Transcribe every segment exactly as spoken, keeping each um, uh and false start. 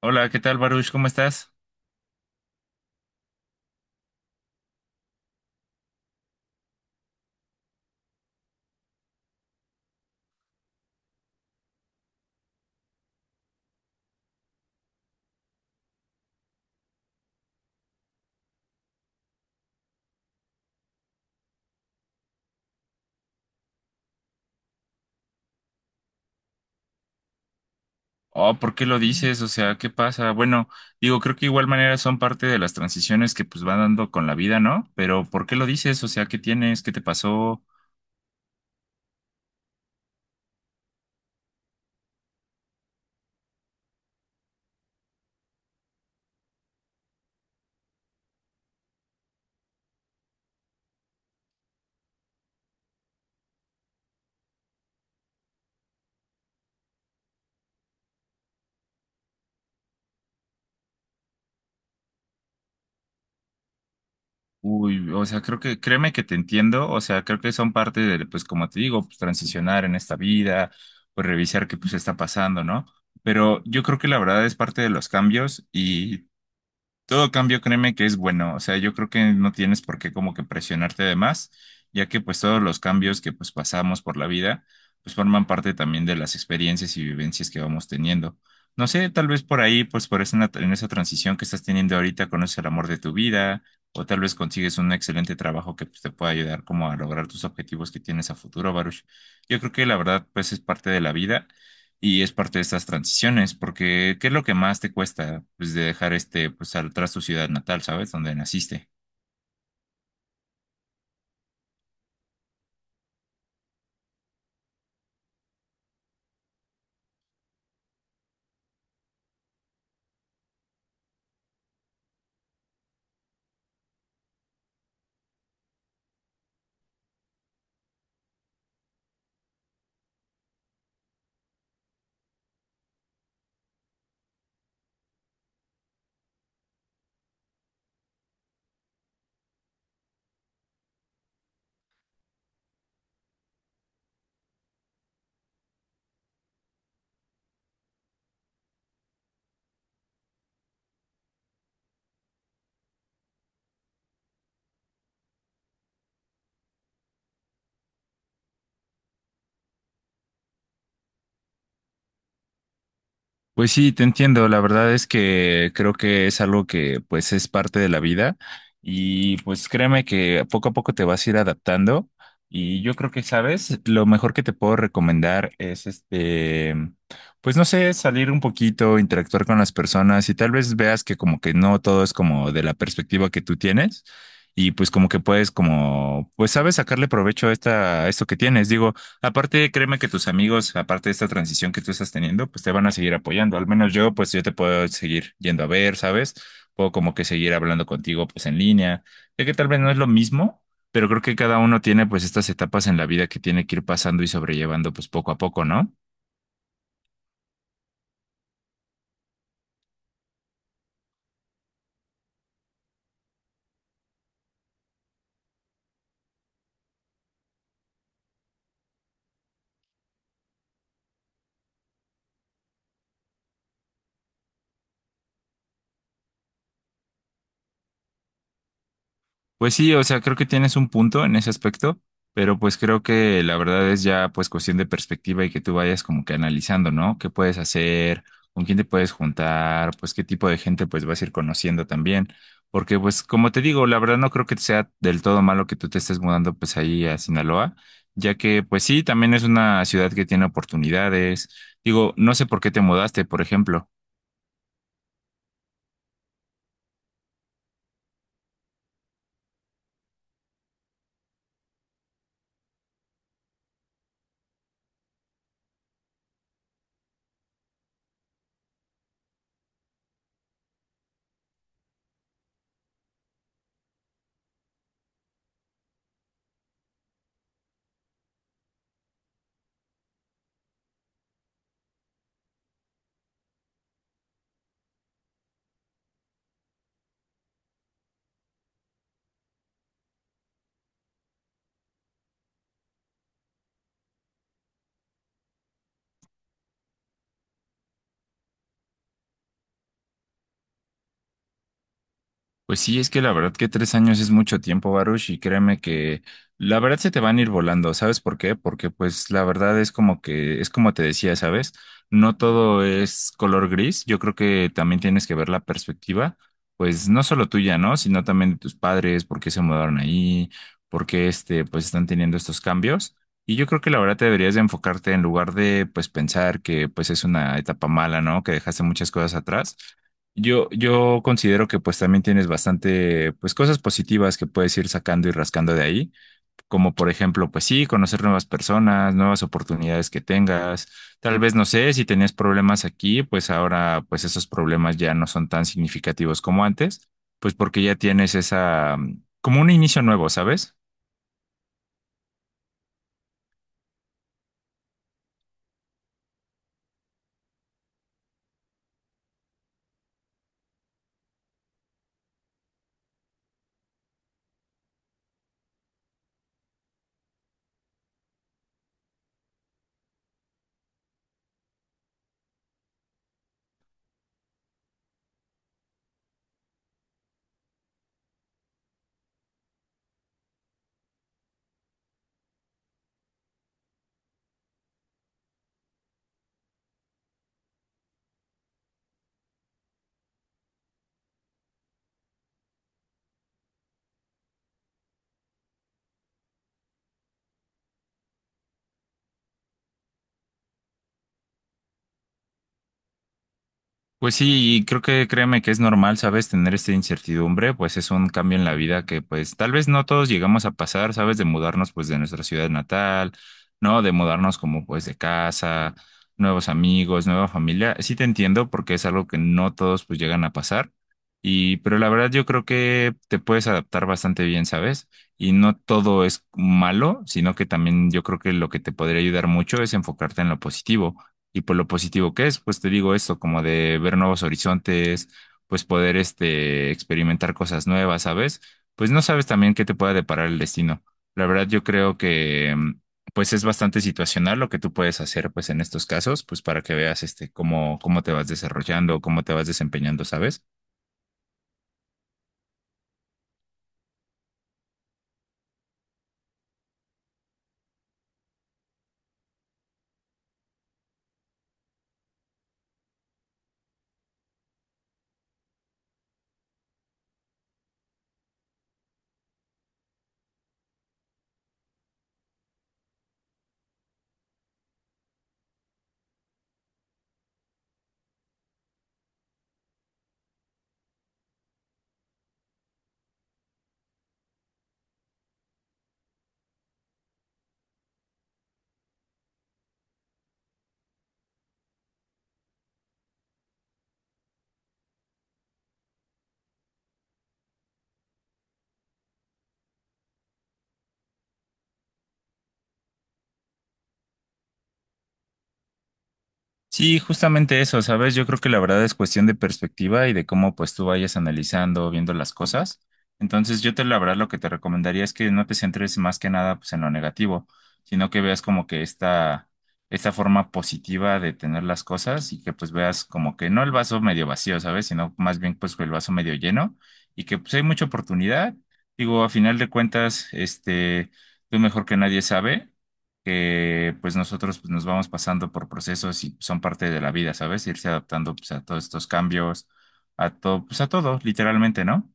Hola, ¿qué tal, Baruch? ¿Cómo estás? Oh, ¿por qué lo dices? O sea, ¿qué pasa? Bueno, digo, creo que igual manera son parte de las transiciones que pues van dando con la vida, ¿no? Pero ¿por qué lo dices? O sea, ¿qué tienes? ¿Qué te pasó? Uy, o sea, creo que, créeme que te entiendo, o sea, creo que son parte de, pues como te digo, pues transicionar en esta vida, pues revisar qué pues está pasando, ¿no? Pero yo creo que la verdad es parte de los cambios y todo cambio, créeme que es bueno. O sea, yo creo que no tienes por qué como que presionarte de más, ya que pues todos los cambios que pues pasamos por la vida, pues forman parte también de las experiencias y vivencias que vamos teniendo. No sé, tal vez por ahí, pues por esa, nat- en esa transición que estás teniendo ahorita, conoces el amor de tu vida, o tal vez consigues un excelente trabajo que pues, te pueda ayudar como a lograr tus objetivos que tienes a futuro, Baruch. Yo creo que la verdad, pues es parte de la vida y es parte de estas transiciones, porque ¿qué es lo que más te cuesta pues, de dejar este, pues, atrás tu ciudad natal, ¿sabes? Donde naciste. Pues sí, te entiendo. La verdad es que creo que es algo que pues es parte de la vida y pues créeme que poco a poco te vas a ir adaptando y yo creo que, sabes, lo mejor que te puedo recomendar es este, pues no sé, salir un poquito, interactuar con las personas y tal vez veas que como que no todo es como de la perspectiva que tú tienes y pues como que puedes como, pues sabes, sacarle provecho a esta, a esto que tienes. Digo, aparte, créeme que tus amigos, aparte de esta transición que tú estás teniendo, pues te van a seguir apoyando. Al menos yo, pues yo te puedo seguir yendo a ver, ¿sabes? Puedo como que seguir hablando contigo, pues en línea. Sé que tal vez no es lo mismo, pero creo que cada uno tiene pues estas etapas en la vida que tiene que ir pasando y sobrellevando pues poco a poco, ¿no? Pues sí, o sea, creo que tienes un punto en ese aspecto, pero pues creo que la verdad es ya pues cuestión de perspectiva y que tú vayas como que analizando, ¿no? ¿Qué puedes hacer? ¿Con quién te puedes juntar? Pues qué tipo de gente pues vas a ir conociendo también. Porque pues como te digo, la verdad no creo que sea del todo malo que tú te estés mudando pues ahí a Sinaloa, ya que pues sí, también es una ciudad que tiene oportunidades. Digo, no sé por qué te mudaste, por ejemplo. Pues sí, es que la verdad que tres años es mucho tiempo, Baruch, y créeme que la verdad se te van a ir volando, ¿sabes por qué? Porque pues la verdad es como que, es como te decía, ¿sabes? No todo es color gris, yo creo que también tienes que ver la perspectiva, pues no solo tuya, ¿no? Sino también de tus padres, por qué se mudaron ahí, por qué este, pues están teniendo estos cambios. Y yo creo que la verdad te deberías de enfocarte en lugar de pues pensar que pues es una etapa mala, ¿no? Que dejaste muchas cosas atrás. Yo, yo considero que pues también tienes bastante pues cosas positivas que puedes ir sacando y rascando de ahí, como por ejemplo pues sí, conocer nuevas personas, nuevas oportunidades que tengas, tal vez no sé, si tenías problemas aquí, pues ahora pues esos problemas ya no son tan significativos como antes, pues porque ya tienes esa mm, como un inicio nuevo, ¿sabes? Pues sí, y creo que créeme que es normal, ¿sabes? Tener esta incertidumbre, pues es un cambio en la vida que pues tal vez no todos llegamos a pasar, ¿sabes? De mudarnos pues de nuestra ciudad natal, ¿no? De mudarnos como pues de casa, nuevos amigos, nueva familia. Sí te entiendo porque es algo que no todos pues llegan a pasar. Y pero la verdad yo creo que te puedes adaptar bastante bien, ¿sabes? Y no todo es malo, sino que también yo creo que lo que te podría ayudar mucho es enfocarte en lo positivo y por lo positivo que es, pues te digo esto, como de ver nuevos horizontes, pues poder este experimentar cosas nuevas, ¿sabes? Pues no sabes también qué te pueda deparar el destino. La verdad, yo creo que mm, pues es bastante situacional lo que tú puedes hacer pues en estos casos, pues para que veas este cómo cómo te vas desarrollando, cómo te vas desempeñando, ¿sabes? Sí, justamente eso, ¿sabes? Yo creo que la verdad es cuestión de perspectiva y de cómo pues tú vayas analizando, viendo las cosas. Entonces yo te la verdad lo que te recomendaría es que no te centres más que nada pues en lo negativo, sino que veas como que esta, esta forma positiva de tener las cosas y que pues veas como que no el vaso medio vacío, ¿sabes? Sino más bien pues el vaso medio lleno y que pues hay mucha oportunidad. Digo, a final de cuentas, este, tú mejor que nadie sabe que pues nosotros pues, nos vamos pasando por procesos y son parte de la vida, ¿sabes? Irse adaptando pues, a todos estos cambios, a todo, pues a todo, literalmente, ¿no?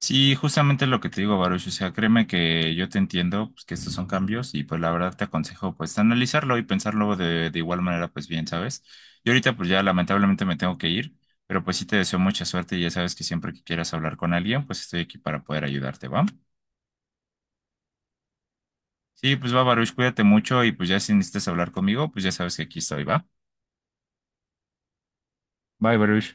Sí, justamente lo que te digo, Baruch, o sea, créeme que yo te entiendo, pues que estos son cambios y pues la verdad te aconsejo pues analizarlo y pensarlo de, de igual manera pues bien, ¿sabes? Y ahorita pues ya lamentablemente me tengo que ir, pero pues sí te deseo mucha suerte y ya sabes que siempre que quieras hablar con alguien pues estoy aquí para poder ayudarte, ¿va? Sí, pues va, Baruch, cuídate mucho y pues ya si necesitas hablar conmigo, pues ya sabes que aquí estoy, ¿va? Bye, Baruch.